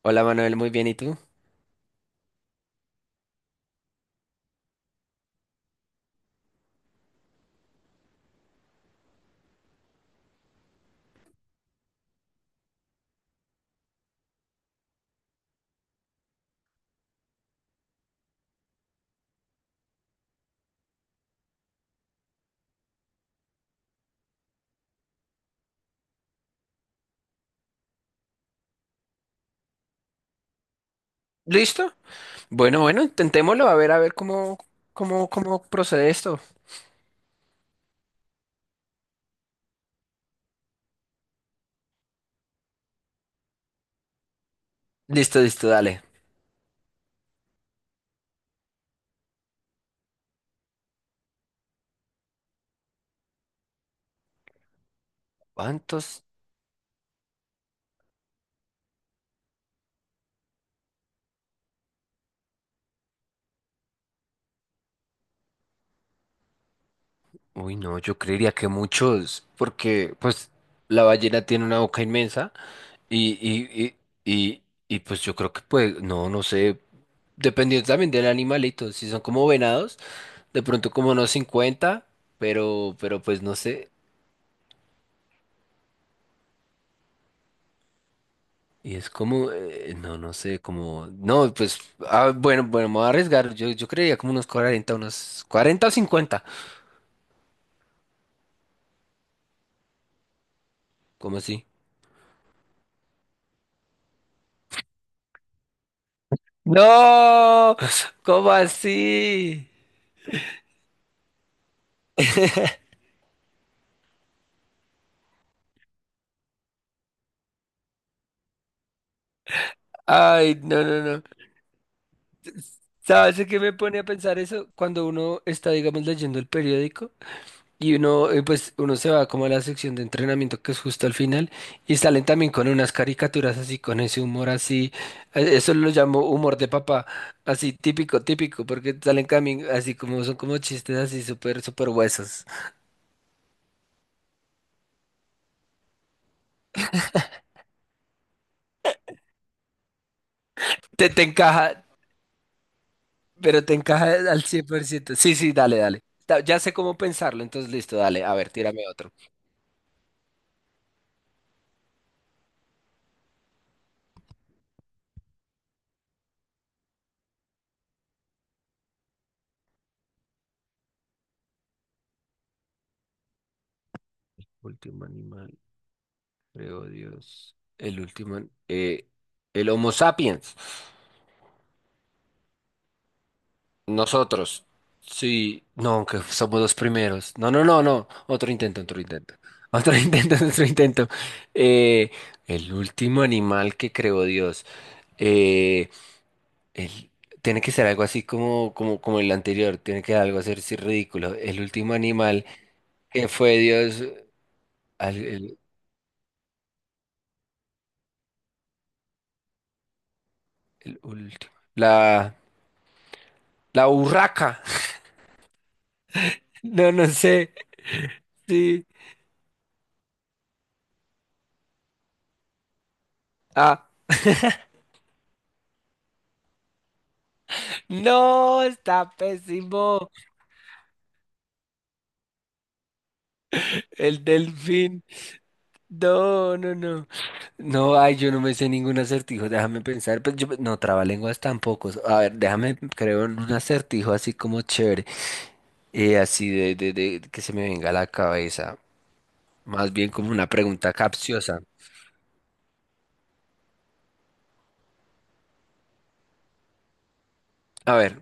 Hola Manuel, muy bien, ¿y tú? ¿Listo? Bueno, bueno, intentémoslo, a ver cómo, cómo procede esto. Listo, listo, dale. ¿Cuántos? Uy, no, yo creería que muchos, porque pues la ballena tiene una boca inmensa y, y, y, y, y pues yo creo que pues, no, no sé, dependiendo también del animalito, si son como venados, de pronto como unos 50, pero pues no sé. Y es como, no, no sé, como, no, pues, ah, bueno, bueno, me voy a arriesgar. Yo creía como unos 40 unos 40 o 50. ¿Cómo así? No, ¿cómo así? Ay, no, no, no. ¿Sabes qué me pone a pensar eso? Cuando uno está, digamos, leyendo el periódico. Y uno, pues, uno se va como a la sección de entrenamiento que es justo al final y salen también con unas caricaturas así, con ese humor así, eso lo llamo humor de papá, así típico, típico, porque salen también así como son como chistes así súper, súper huesos. Te encaja, pero te encaja al 100%. Sí, sí, dale, dale. Ya sé cómo pensarlo, entonces listo, dale, a ver, tírame otro. Último animal, creo Dios. El último, el Homo sapiens. Nosotros. Sí, no, que somos los primeros. No, no, no, no. Otro intento, otro intento. Otro intento, otro intento. Eh, el último animal que creó Dios. Eh, el- tiene que ser algo así como, como el anterior. Tiene que ser algo así así ridículo. El último animal que fue Dios. al- el, el último. La urraca. No, no sé. Sí. Ah. No, está pésimo. El delfín. No, no, no. No, ay, yo no me sé ningún acertijo. Déjame pensar. Pues yo, no, trabalenguas tampoco. A ver, déjame, creo, en un acertijo así como chévere. Eh, así de que se me venga a la cabeza. Más bien como una pregunta capciosa. A ver,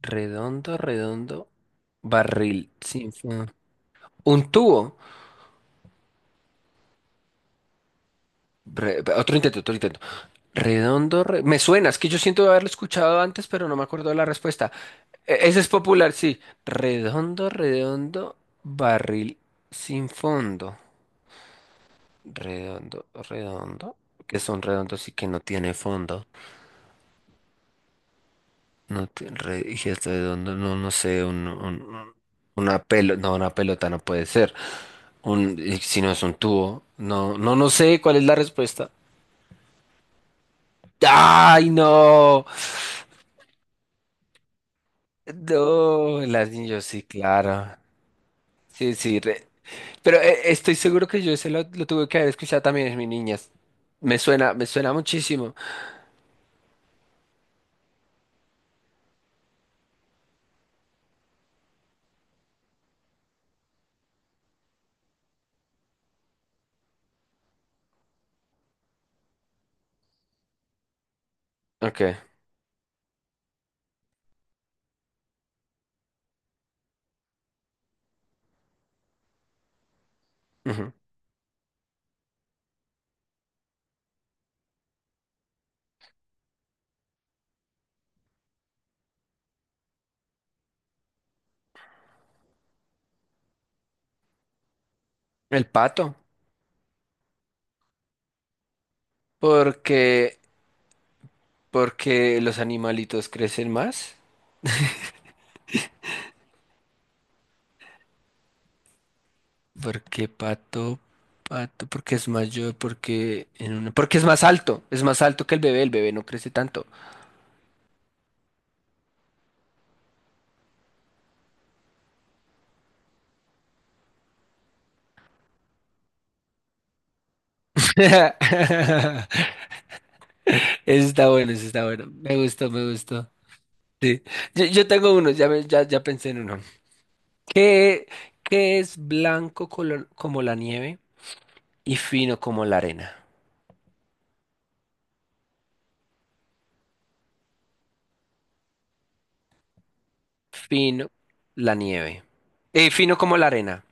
redondo, redondo, barril, sin fin. Un tubo. Otro intento, otro intento. Me suena, es que yo siento haberlo escuchado antes, pero no me acuerdo de la respuesta. Ese es popular, sí. Redondo, redondo, barril sin fondo. Redondo, redondo. Que son redondos y que no tiene fondo. Y si es redondo, no, no sé, una pelota no puede ser. Un, y si no es un tubo. No, no, no sé cuál es la respuesta. ¡Ay, no! No, el anillo, sí, claro. Sí, sí, pero estoy seguro que yo ese lo tuve que haber escuchado también en mi niñas. Me suena muchísimo. Ok. Ujú. El pato. Porque, porque los animalitos crecen más. Porque pato, pato, porque es mayor, porque es más alto que el bebé no crece tanto. Eso está bueno, eso está bueno. Me gustó, me gustó. Sí. Yo tengo uno, ya pensé en uno. ¿Qué, ¿qué es como la nieve y fino como la arena? Fino la nieve. Fino como la arena.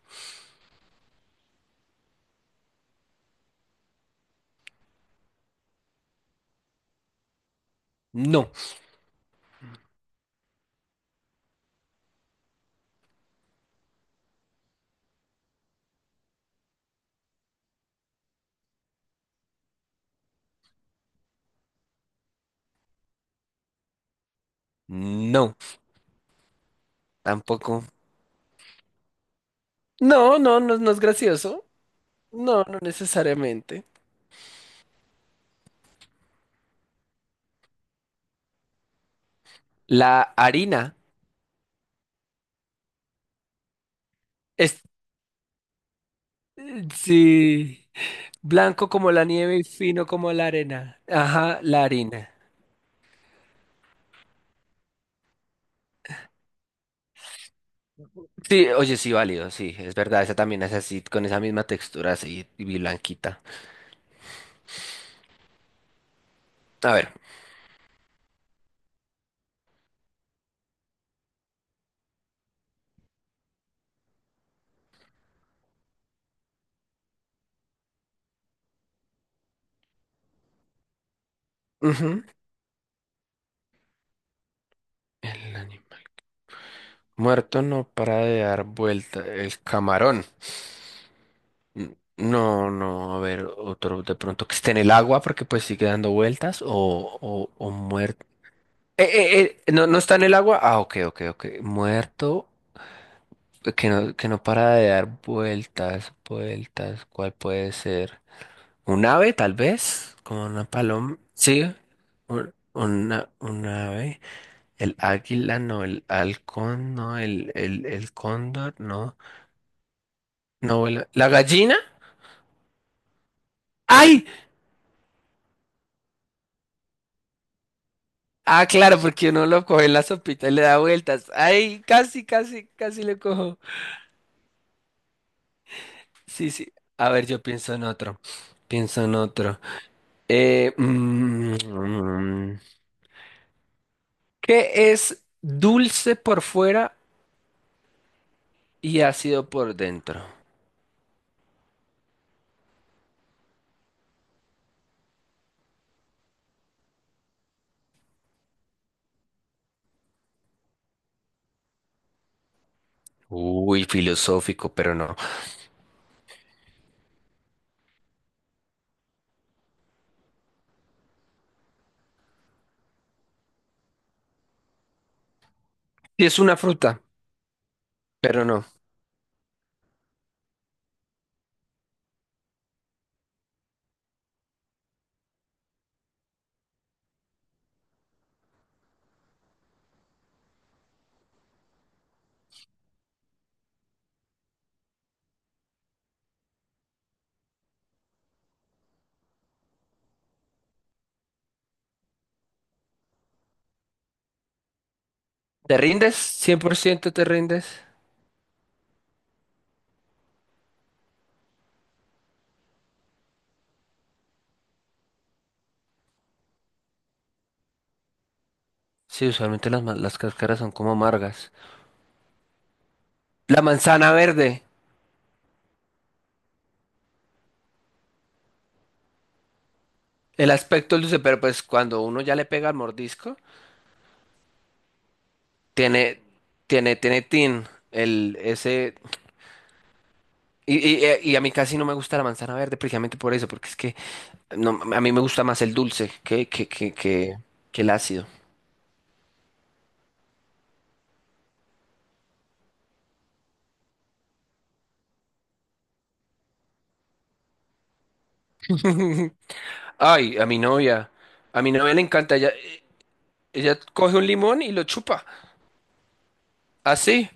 No, no, tampoco. No, no, no, no es gracioso. No, no necesariamente. La harina es, sí, blanco como la nieve y fino como la arena. Ajá, la harina. Sí, oye, sí, válido, sí, es verdad, esa también es así, con esa misma textura así, y blanquita. A ver. Ujú. El anime. Muerto no para de dar vuelta. El camarón. No, no, a ver, otro de pronto que esté en el agua porque pues sigue dando vueltas o muerto. No, no está en el agua. Ah, ok, ok, ok. Muerto que no para de dar vueltas, vueltas. ¿Cuál puede ser? ¿Un ave, tal vez? Como una paloma. Sí, un ave. El águila, no, el halcón, no, el cóndor, no. No vuela. ¿La gallina? ¡Ay! Ah, claro, porque uno lo coge en la sopita y le da vueltas. ¡Ay! Casi, casi, casi le cojo. Sí, sí. A ver, yo pienso en otro. Pienso en otro. Eh, mm, mm. ¿Qué es dulce por fuera y ácido por dentro? Uy, filosófico, pero no. Sí, es una fruta, pero no. ¿Te rindes? ¿100% te rindes? Sí, usualmente las, las cáscaras son como amargas. La manzana verde. El aspecto luce, pero pues cuando uno ya le pega el mordisco, tiene, tiene tin, el, ese, y a mí casi no me gusta la manzana verde precisamente por eso, porque es que no, a mí me gusta más el dulce que el ácido. Ay, a mi novia le encanta, ella coge un limón y lo chupa. Así,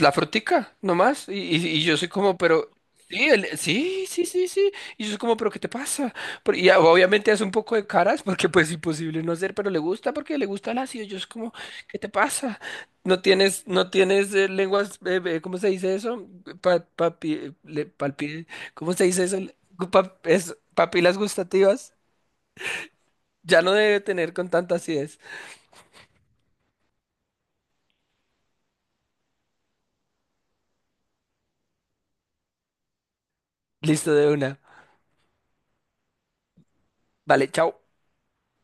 la frutica, nomás. Y yo soy como, pero. Sí, sí, sí, sí, sí. Y yo soy como, pero ¿qué te pasa? Y obviamente hace un poco de caras porque pues imposible no hacer, pero le gusta porque le gusta el ácido. Yo soy como, ¿qué te pasa? No tienes, no tienes lenguas, ¿cómo se dice eso? Pa, papi- le- palpi- ¿Cómo se dice eso? Papilas gustativas. Ya no debe tener con tanta acidez. Listo de una. Vale, chao.